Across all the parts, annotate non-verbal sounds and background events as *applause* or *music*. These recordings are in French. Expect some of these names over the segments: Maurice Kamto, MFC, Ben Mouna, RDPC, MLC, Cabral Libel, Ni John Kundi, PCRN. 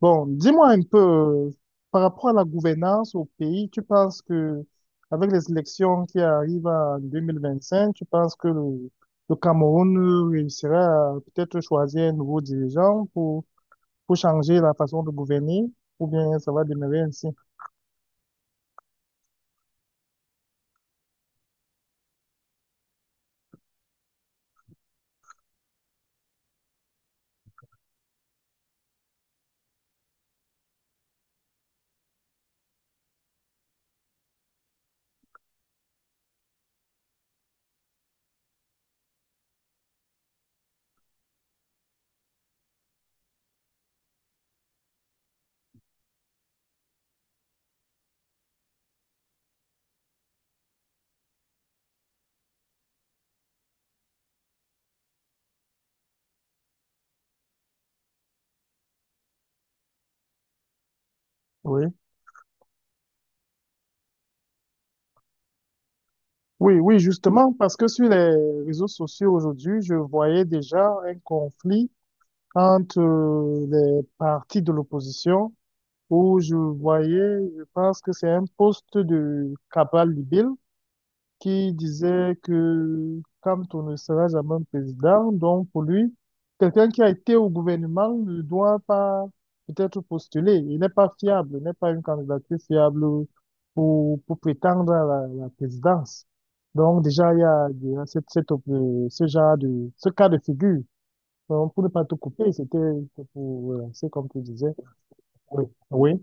Bon, dis-moi un peu, par rapport à la gouvernance au pays, tu penses que, avec les élections qui arrivent en 2025, tu penses que le Cameroun réussira à peut-être choisir un nouveau dirigeant pour changer la façon de gouverner, ou bien ça va demeurer ainsi? Oui. Oui, oui, justement, parce que sur les réseaux sociaux aujourd'hui, je voyais déjà un conflit entre les partis de l'opposition où je voyais, je pense que c'est un poste de Cabral Libel qui disait que quand on ne sera jamais président, donc pour lui, quelqu'un qui a été au gouvernement ne doit pas peut-être postuler. Il n'est pas fiable, il n'est pas une candidature fiable pour prétendre à la présidence. Donc déjà, il y a cette, cette, op- ce genre de, ce cas de figure. Donc, pour ne pas tout couper, c'est comme tu disais. Oui. Oui.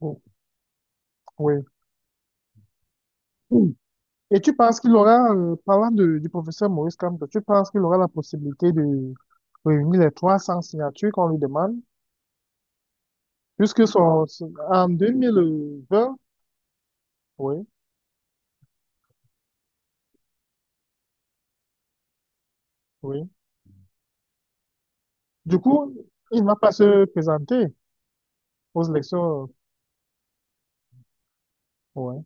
Mhm. Oui. Mm. Et tu penses qu'il aura du professeur Maurice Kamto, tu penses qu'il aura la possibilité de réunir les 300 signatures qu'on lui demande, puisque en 2020, oui, oui. Du coup, il ne va pas se présenter aux élections. Oui.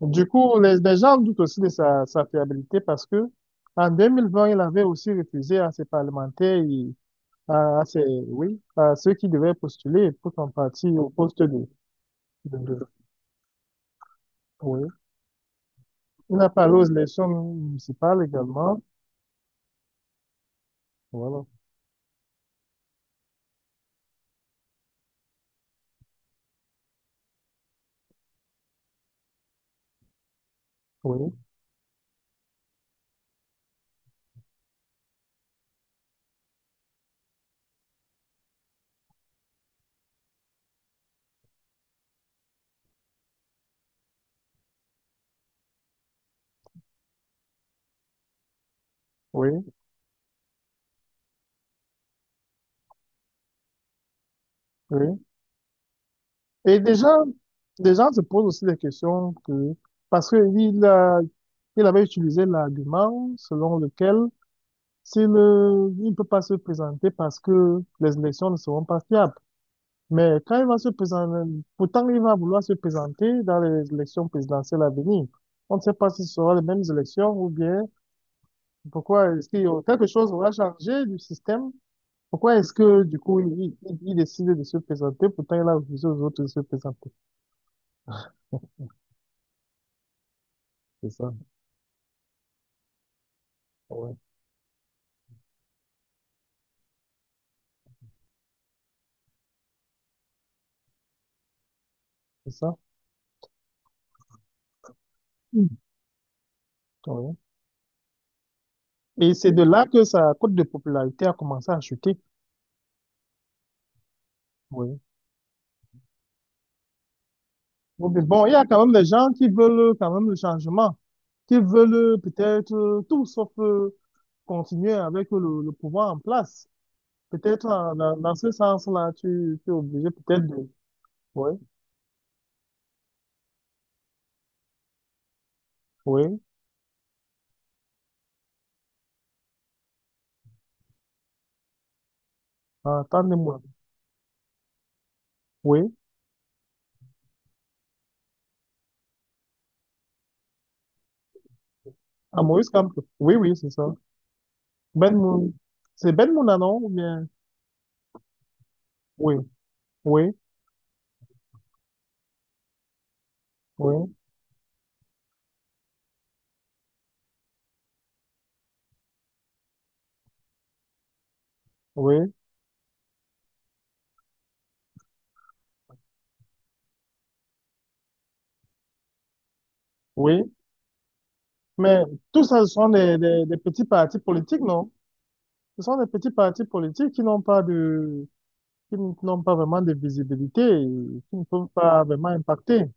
Du coup, les gens doutent aussi de sa fiabilité parce que en 2020, il avait aussi refusé à ses parlementaires et à ses, oui, à ceux qui devaient postuler pour son parti au poste de. Oui. La Palouse, les chambres municipales également. Voilà. Oui, oui, oui. Et déjà, des gens se posent aussi des questions que, parce qu'il a, il avait utilisé l'argument selon lequel s'il il ne peut pas se présenter parce que les élections ne seront pas fiables. Mais quand il va se présenter, pourtant il va vouloir se présenter dans les élections présidentielles à venir. On ne sait pas si ce sera les mêmes élections ou bien pourquoi est-ce qu'il y aura quelque chose aura changé du système. Pourquoi est-ce que, du coup, il décide de se présenter, pourtant il a refusé aux autres de se présenter. C'est ça. Ouais, c'est ça. Mm. Ouais. Et c'est de là que sa cote de popularité a commencé à chuter. Oui. Bon, mais bon, il y a quand même des gens qui veulent quand même le changement, qui veulent peut-être tout sauf continuer avec le pouvoir en place. Peut-être dans ce sens-là, tu es obligé peut-être de. Oui, oui. Attendez-moi. Oui. À Maurice Campo. Oui, oui, c'est ça. Ben Moun. C'est Ben Mouna, non? Ou bien. Oui, oui, oui, oui, oui. Mais tout ça, ce sont des petits partis politiques, non? Ce sont des petits partis politiques qui n'ont pas de, qui n'ont pas vraiment de visibilité, et qui ne peuvent pas vraiment impacter.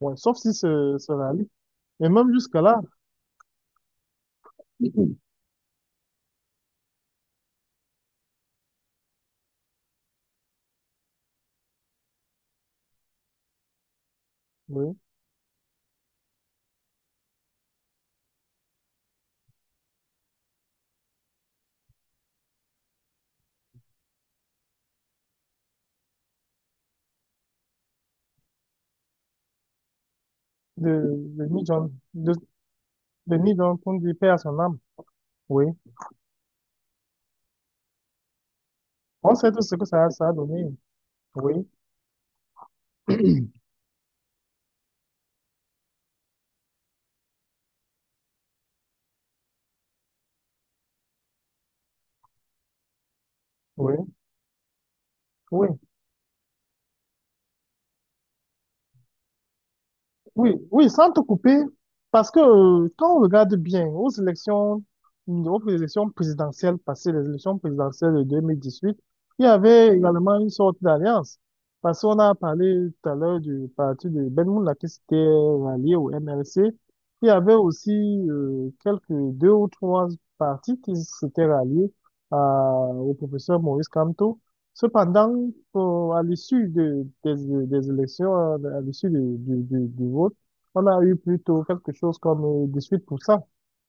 Ouais, sauf si se rallient. Mais même jusque-là, oui, de, de Ni John, de, de Ni John Kundi, paix à son âme. Oui. On sait tout ce que ça a donné. Oui, oui, oui. Oui, oui, sans te couper, parce que quand on regarde bien aux élections présidentielles passées, les élections présidentielles de 2018, il y avait également une sorte d'alliance. Parce qu'on a parlé tout à l'heure du parti de Ben Moula qui s'était rallié au MLC. Il y avait aussi quelques deux ou trois partis qui s'étaient ralliés au professeur Maurice Kamto. Cependant, à l'issue des élections, à l'issue du vote, on a eu plutôt quelque chose comme 18%.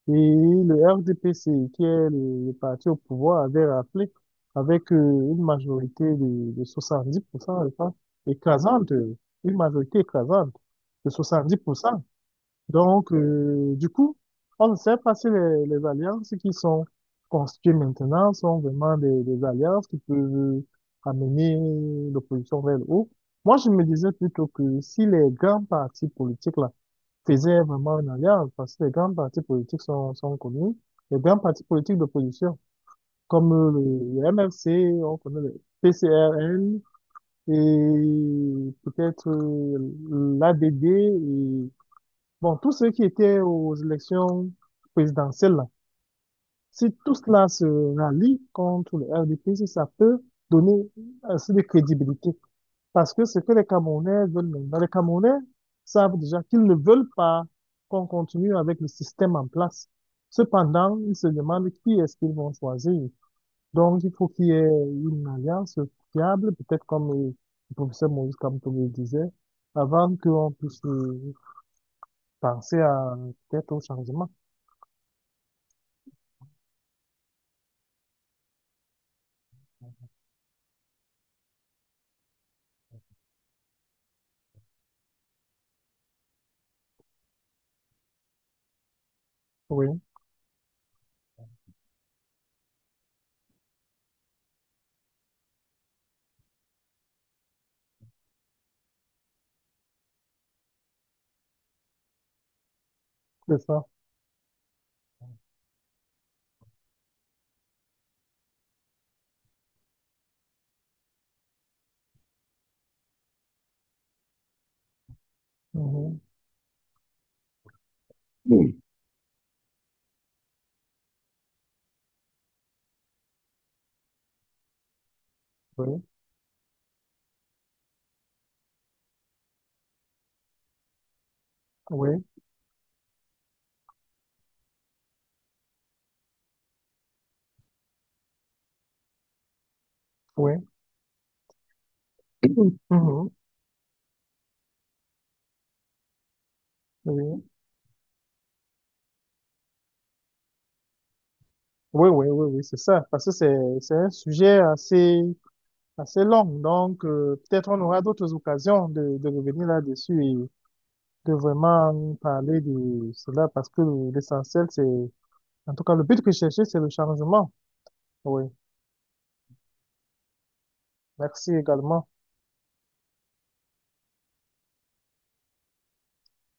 Et le RDPC, qui est le parti au pouvoir, avait rappelé avec une majorité de 70%, je pense, écrasante, une majorité écrasante de 70%. Donc, du coup, on ne sait pas si les alliances qui sont constituées maintenant sont vraiment des alliances qui peuvent amener l'opposition vers le haut. Moi, je me disais plutôt que si les grands partis politiques là, faisaient vraiment une alliance, parce que les grands partis politiques sont connus, les grands partis politiques d'opposition, comme le MFC, on connaît le PCRN, et peut-être l'ADD. Bon, tous ceux qui étaient aux élections présidentielles, là, si tout cela se rallie contre le RDP, ça peut donner assez de crédibilité. Parce que ce que les Camerounais veulent maintenant, les Camerounais savent déjà qu'ils ne veulent pas qu'on continue avec le système en place. Cependant, ils se demandent qui est-ce qu'ils vont choisir. Donc, il faut qu'il y ait une alliance fiable, peut-être comme le professeur Maurice Kamto le disait, avant qu'on puisse penser à peut-être au changement. Oui, c'est ça. Mhm. Oui, oui, oui. *clears throat* Mhm. Oui, oui, oui, oui, oui, c'est ça. Parce que c'est un sujet assez, assez long. Donc, peut-être on aura d'autres occasions de revenir là-dessus et de vraiment parler de cela parce que l'essentiel, c'est, en tout cas, le but que je cherchais, c'est le changement. Oui. Merci également.